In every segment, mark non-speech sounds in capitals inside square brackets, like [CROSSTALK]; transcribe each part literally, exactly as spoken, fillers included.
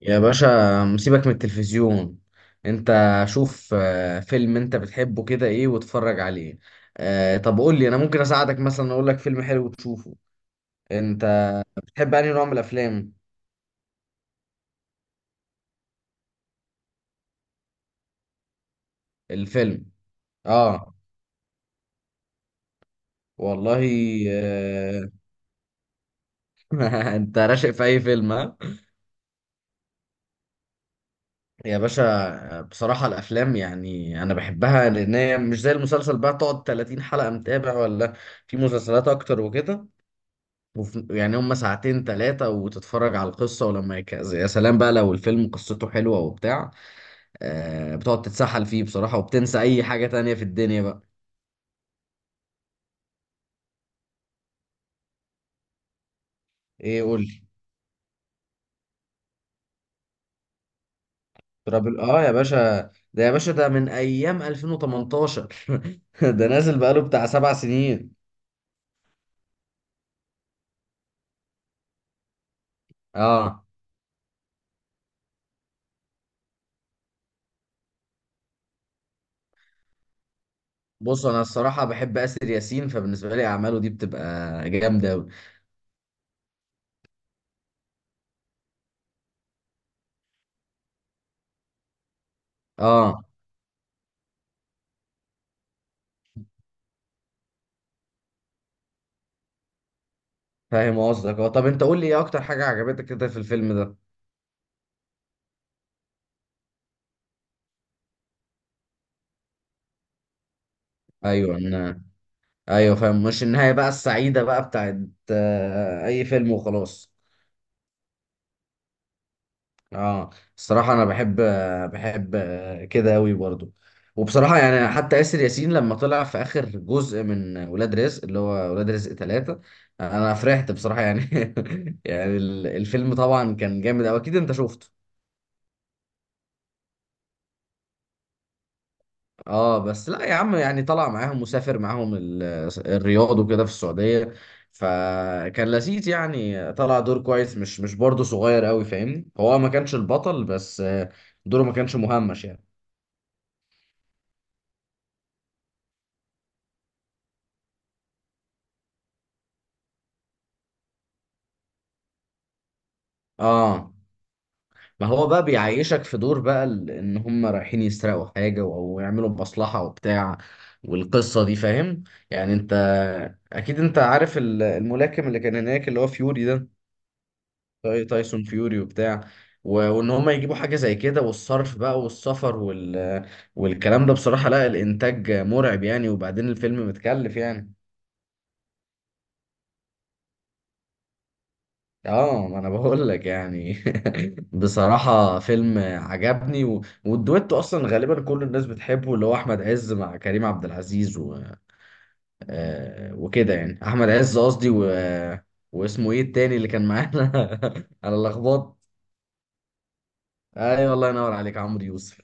يا باشا، مسيبك من التلفزيون. انت شوف آه، فيلم انت بتحبه كده ايه واتفرج عليه. آه، طب قول لي، انا ممكن اساعدك مثلا اقول لك فيلم حلو تشوفه. انت بتحب انهي نوع من الافلام؟ الفيلم؟ اه والله. آه، [LAUGHS] انت راشق في اي فيلم، ها؟ يا باشا، آه، بصراحة الافلام يعني انا بحبها، لان هي مش زي المسلسل بقى تقعد 30 حلقة متابع ولا في مسلسلات اكتر وكده. وف... يعني هم ساعتين ثلاثة وتتفرج على القصة، ولما يك... يا سلام بقى لو الفيلم قصته حلوة وبتاع. آه بتقعد تتسحل فيه بصراحة، وبتنسى أي حاجة تانية في الدنيا بقى. إيه؟ قول لي. ترابل آه يا باشا، ده يا باشا، ده من أيام ألفين وتمنتاشر. [LAUGHS] ده نازل بقاله بتاع سبع سنين. آه بص، أنا الصراحة بحب آسر ياسين، فبالنسبة لي أعماله دي بتبقى جامدة أوي. آه فاهم قصدك. آه طب أنت قول لي، إيه أكتر حاجة عجبتك كده في الفيلم ده؟ ايوه. انا ايوه فاهم، مش النهايه بقى السعيده بقى بتاعت آه، اي فيلم وخلاص. اه الصراحه انا بحب آه، بحب آه، كده قوي برضو. وبصراحه يعني حتى ياسر ياسين لما طلع في اخر جزء من ولاد رزق، اللي هو ولاد رزق ثلاثة، انا فرحت بصراحه يعني. [LAUGHS] يعني ال- الفيلم طبعا كان جامد أوي، اكيد انت شفته. اه بس لا يا عم، يعني طلع معاهم، مسافر معاهم ال- الرياض وكده في السعودية، فكان لذيذ يعني. طلع دور كويس مش مش برضه صغير قوي، فاهمني، هو ما كانش البطل بس آه، دوره ما كانش مهمش يعني. اه، ما هو بقى بيعيشك في دور بقى ال- ان هم رايحين يسرقوا حاجة او يعملوا مصلحة وبتاع، والقصة دي، فاهم يعني. انت اكيد انت عارف ال- الملاكم اللي كان هناك، اللي هو فيوري ده، تاي- تايسون فيوري وبتاع، و- وان هم يجيبوا حاجه زي كده، والصرف بقى والسفر وال... والكلام ده، بصراحه لا الانتاج مرعب يعني، وبعدين الفيلم متكلف يعني. اه ما انا بقول لك يعني. [LAUGHS] بصراحه فيلم عجبني، و... والدويتو اصلا غالبا كل الناس بتحبه، اللي هو احمد عز مع كريم عبد العزيز و... آه وكده يعني، احمد عز قصدي، و... واسمه ايه التاني اللي كان معانا؟ [LAUGHS] انا لخبطت. ايوه والله ينور عليك، عمرو يوسف.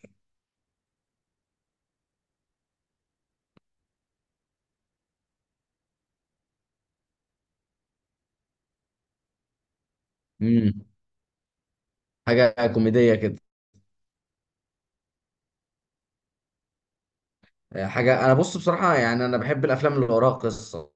مم. حاجة كوميدية كده؟ آه، حاجة. أنا بص، بصراحة يعني أنا بحب الأفلام اللي وراها قصة.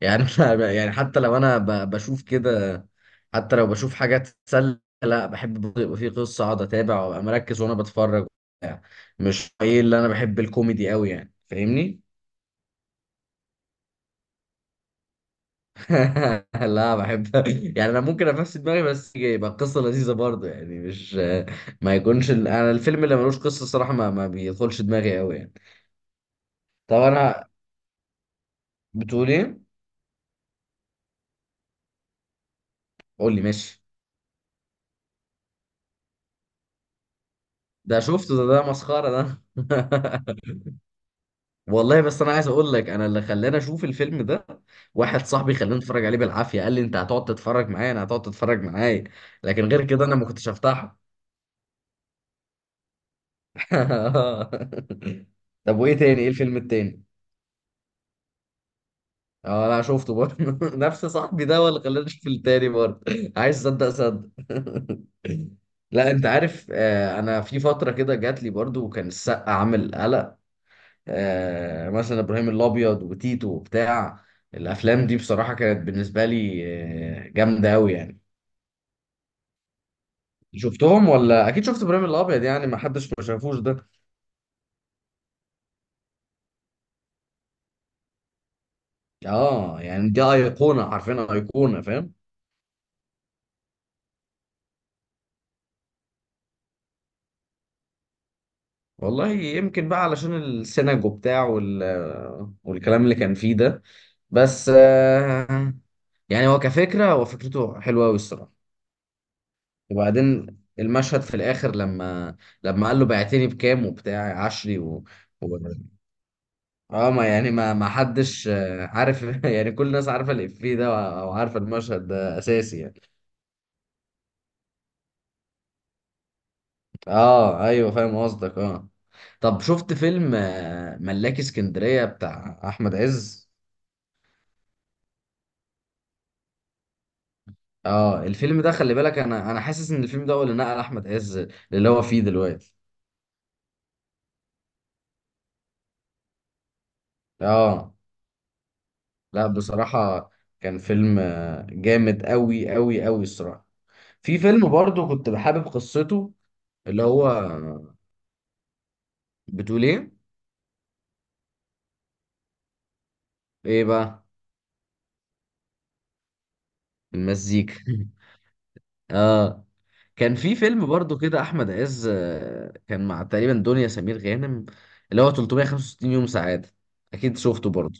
يعني [LAUGHS] أنا يعني، حتى لو أنا ب- بشوف كده، حتى لو بشوف حاجات تسلى، لا، بحب برضه يبقى في قصة أقعد أتابع وأبقى مركز وأنا بتفرج وبتاع. مش إيه، اللي أنا بحب الكوميدي أوي يعني، فاهمني؟ [LAUGHS] لا، بحب، يعني أنا ممكن أفسد دماغي، بس يبقى القصة لذيذة برضه يعني، مش [LAUGHS] ما يكونش ال- أنا، الفيلم اللي ملوش قصة الصراحة ما, ما بيدخلش دماغي أوي يعني. طب أنا، بتقول إيه؟ قول لي، ماشي. ده شفته، ده ده مسخرة ده. [LAUGHS] والله، بس انا عايز اقول لك، انا اللي خلاني اشوف الفيلم ده، واحد صاحبي خلاني اتفرج عليه بالعافية، قال لي انت هتقعد تتفرج معايا، انا هتقعد تتفرج معايا، لكن غير كده انا ما كنتش هفتحه. [LAUGHS] طب، وايه تاني ايه الفيلم التاني؟ اه لا، شفته برضه. [LAUGHS] نفس صاحبي ده هو اللي خلاني اشوف التاني برضه. [LAUGHS] عايز صدق، صدق. [LAUGHS] لا انت عارف، آه، انا في فتره كده جات لي برضو، وكان السقا عامل قلق، آه، مثلا ابراهيم الابيض وتيتو وبتاع. الافلام دي بصراحه كانت بالنسبه لي آه، جامده قوي يعني. شفتهم؟ ولا اكيد شفت ابراهيم الابيض، يعني ما حدش ما شافوش ده. اه يعني، دي ايقونه، حرفيا ايقونه، فاهم. والله يمكن بقى علشان السينجو بتاع وال... آه، والكلام اللي كان فيه ده. بس آه، يعني هو كفكره هو فكرته حلوه قوي الصراحه. وبعدين المشهد في الاخر، لما لما قال له، بعتني بكام وبتاع، عشري و... اه ما يعني، ما ما حدش آه، عارف. [LAUGHS] يعني كل الناس عارفه الافيه ده، او عارفه المشهد ده، اساسي يعني. اه ايوه فاهم قصدك، اه. طب، شفت فيلم آه، ملاكي اسكندريه بتاع احمد عز؟ اه الفيلم ده، خلي بالك، انا انا حاسس ان الفيلم ده هو اللي نقل احمد عز اللي هو فيه دلوقتي. اه لا بصراحه، كان فيلم آه، جامد قوي قوي قوي الصراحه. في فيلم برضو كنت بحابب قصته، اللي هو آه، بتقول ايه؟ ايه بقى؟ المزيكا. [LAUGHS] اه، كان في فيلم برضو كده احمد عز آه، كان مع تقريبا دنيا سمير غانم، اللي هو ثلاثمية وخمسة وستين يوم سعاده، اكيد شفته برضو.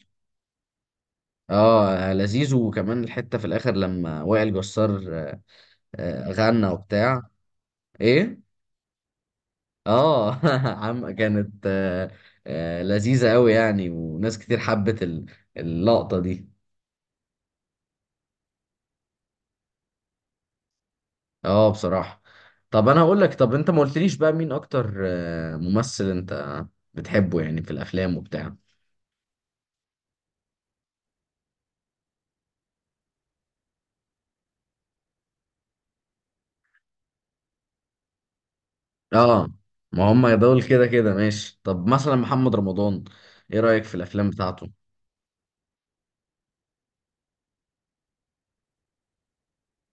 اه لذيذ، وكمان الحته في الاخر لما وائل جسار آه، غنى وبتاع. ايه؟ اه. [LAUGHS] عم، كانت آه، آه، لذيذه قوي يعني، وناس كتير حبت ال- اللقطه دي. اه بصراحه. طب انا هقول لك، طب انت ما قلتليش بقى، مين اكتر آه، ممثل انت بتحبه يعني في الافلام وبتاع؟ اه ما هم دول كده كده ماشي. طب مثلا محمد رمضان، ايه رأيك في الافلام بتاعته؟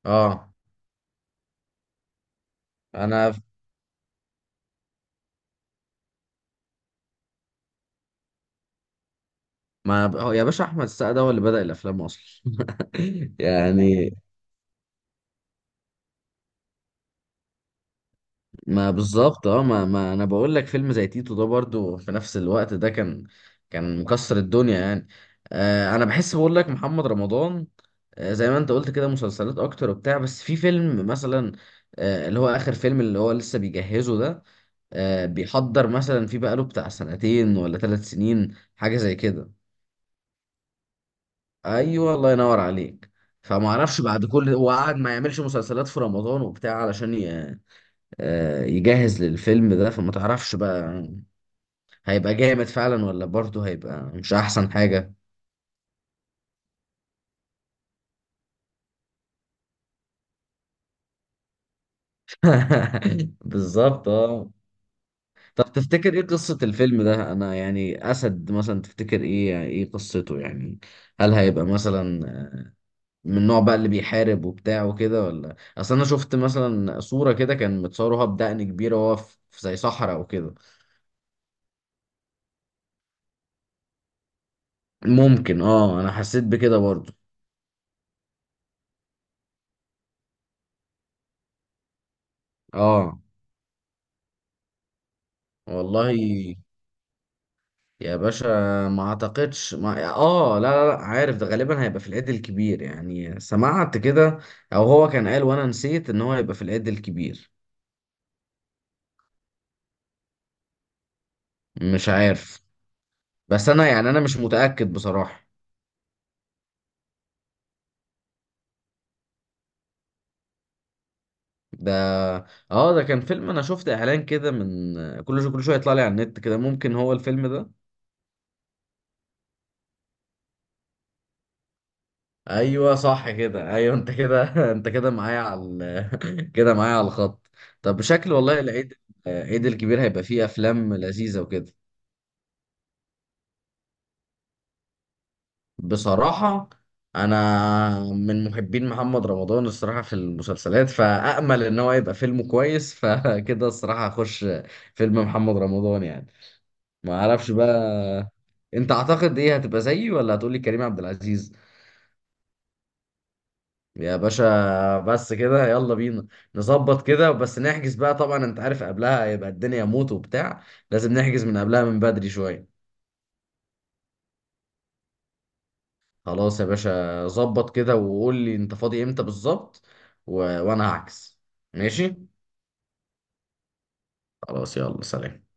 اه انا ف- ما ب- هو يا باشا، احمد السقا ده هو اللي بدأ الافلام اصلا. [LAUGHS] يعني ما بالظبط، اه، ما, ما انا بقول لك، فيلم زي تيتو ده برضو في نفس الوقت ده كان كان مكسر الدنيا يعني. آه انا بحس بقول لك محمد رمضان، آه زي ما انت قلت كده، مسلسلات اكتر وبتاع، بس في فيلم مثلا، آه اللي هو اخر فيلم، اللي هو لسه بيجهزه ده، آه، بيحضر مثلا، في بقاله بتاع سنتين ولا ثلاث سنين حاجة زي كده. ايوه الله ينور عليك. فما اعرفش بعد كل وقعد ما يعملش مسلسلات في رمضان وبتاع علشان ي... آه، يجهز للفيلم ده، فما تعرفش بقى، هيبقى جامد فعلا، ولا برضه هيبقى مش احسن حاجة؟ [LAUGHS] بالظبط اه. طب تفتكر ايه قصة الفيلم ده، انا يعني اسد مثلا، تفتكر ايه ايه قصته يعني؟ هل هيبقى مثلا من النوع بقى اللي بيحارب وبتاع وكده؟ ولا، اصل انا شفت مثلا صورة كده كان متصورها بدقن كبيرة وهو في في زي صحراء وكده. ممكن، اه انا حسيت بكده برضو. اه والله يا باشا، ما اعتقدش ما... اه لا لا لا، عارف ده غالبا هيبقى في العيد الكبير يعني، سمعت كده، او هو كان قال وانا نسيت ان هو هيبقى في العيد الكبير. مش عارف، بس انا يعني، انا مش متأكد بصراحة. ده اه ده كان فيلم، انا شفت اعلان كده من، كل شو كل شويه يطلع لي على النت كده، ممكن هو الفيلم ده. ايوه صح كده، ايوه انت كده. [LAUGHS] انت كده معايا على ال... [LAUGHS] كده معايا على الخط. طب شكل والله، العيد العيد الكبير هيبقى فيه افلام لذيذه وكده. بصراحه انا من محبين محمد رمضان الصراحه في المسلسلات، فامل ان هو يبقى فيلمه كويس. [LAUGHS] فكده الصراحه هخش فيلم محمد رمضان يعني. ما اعرفش بقى، انت اعتقد ايه، هتبقى زيي ولا هتقولي كريم عبد العزيز؟ يا باشا، بس كده يلا بينا نظبط كده، بس نحجز بقى طبعا، انت عارف قبلها هيبقى الدنيا موت وبتاع، لازم نحجز من قبلها من بدري شوية. خلاص يا باشا، ظبط كده وقول لي انت فاضي امتى بالظبط و... وانا هعكس. ماشي. خلاص، يلا سلام.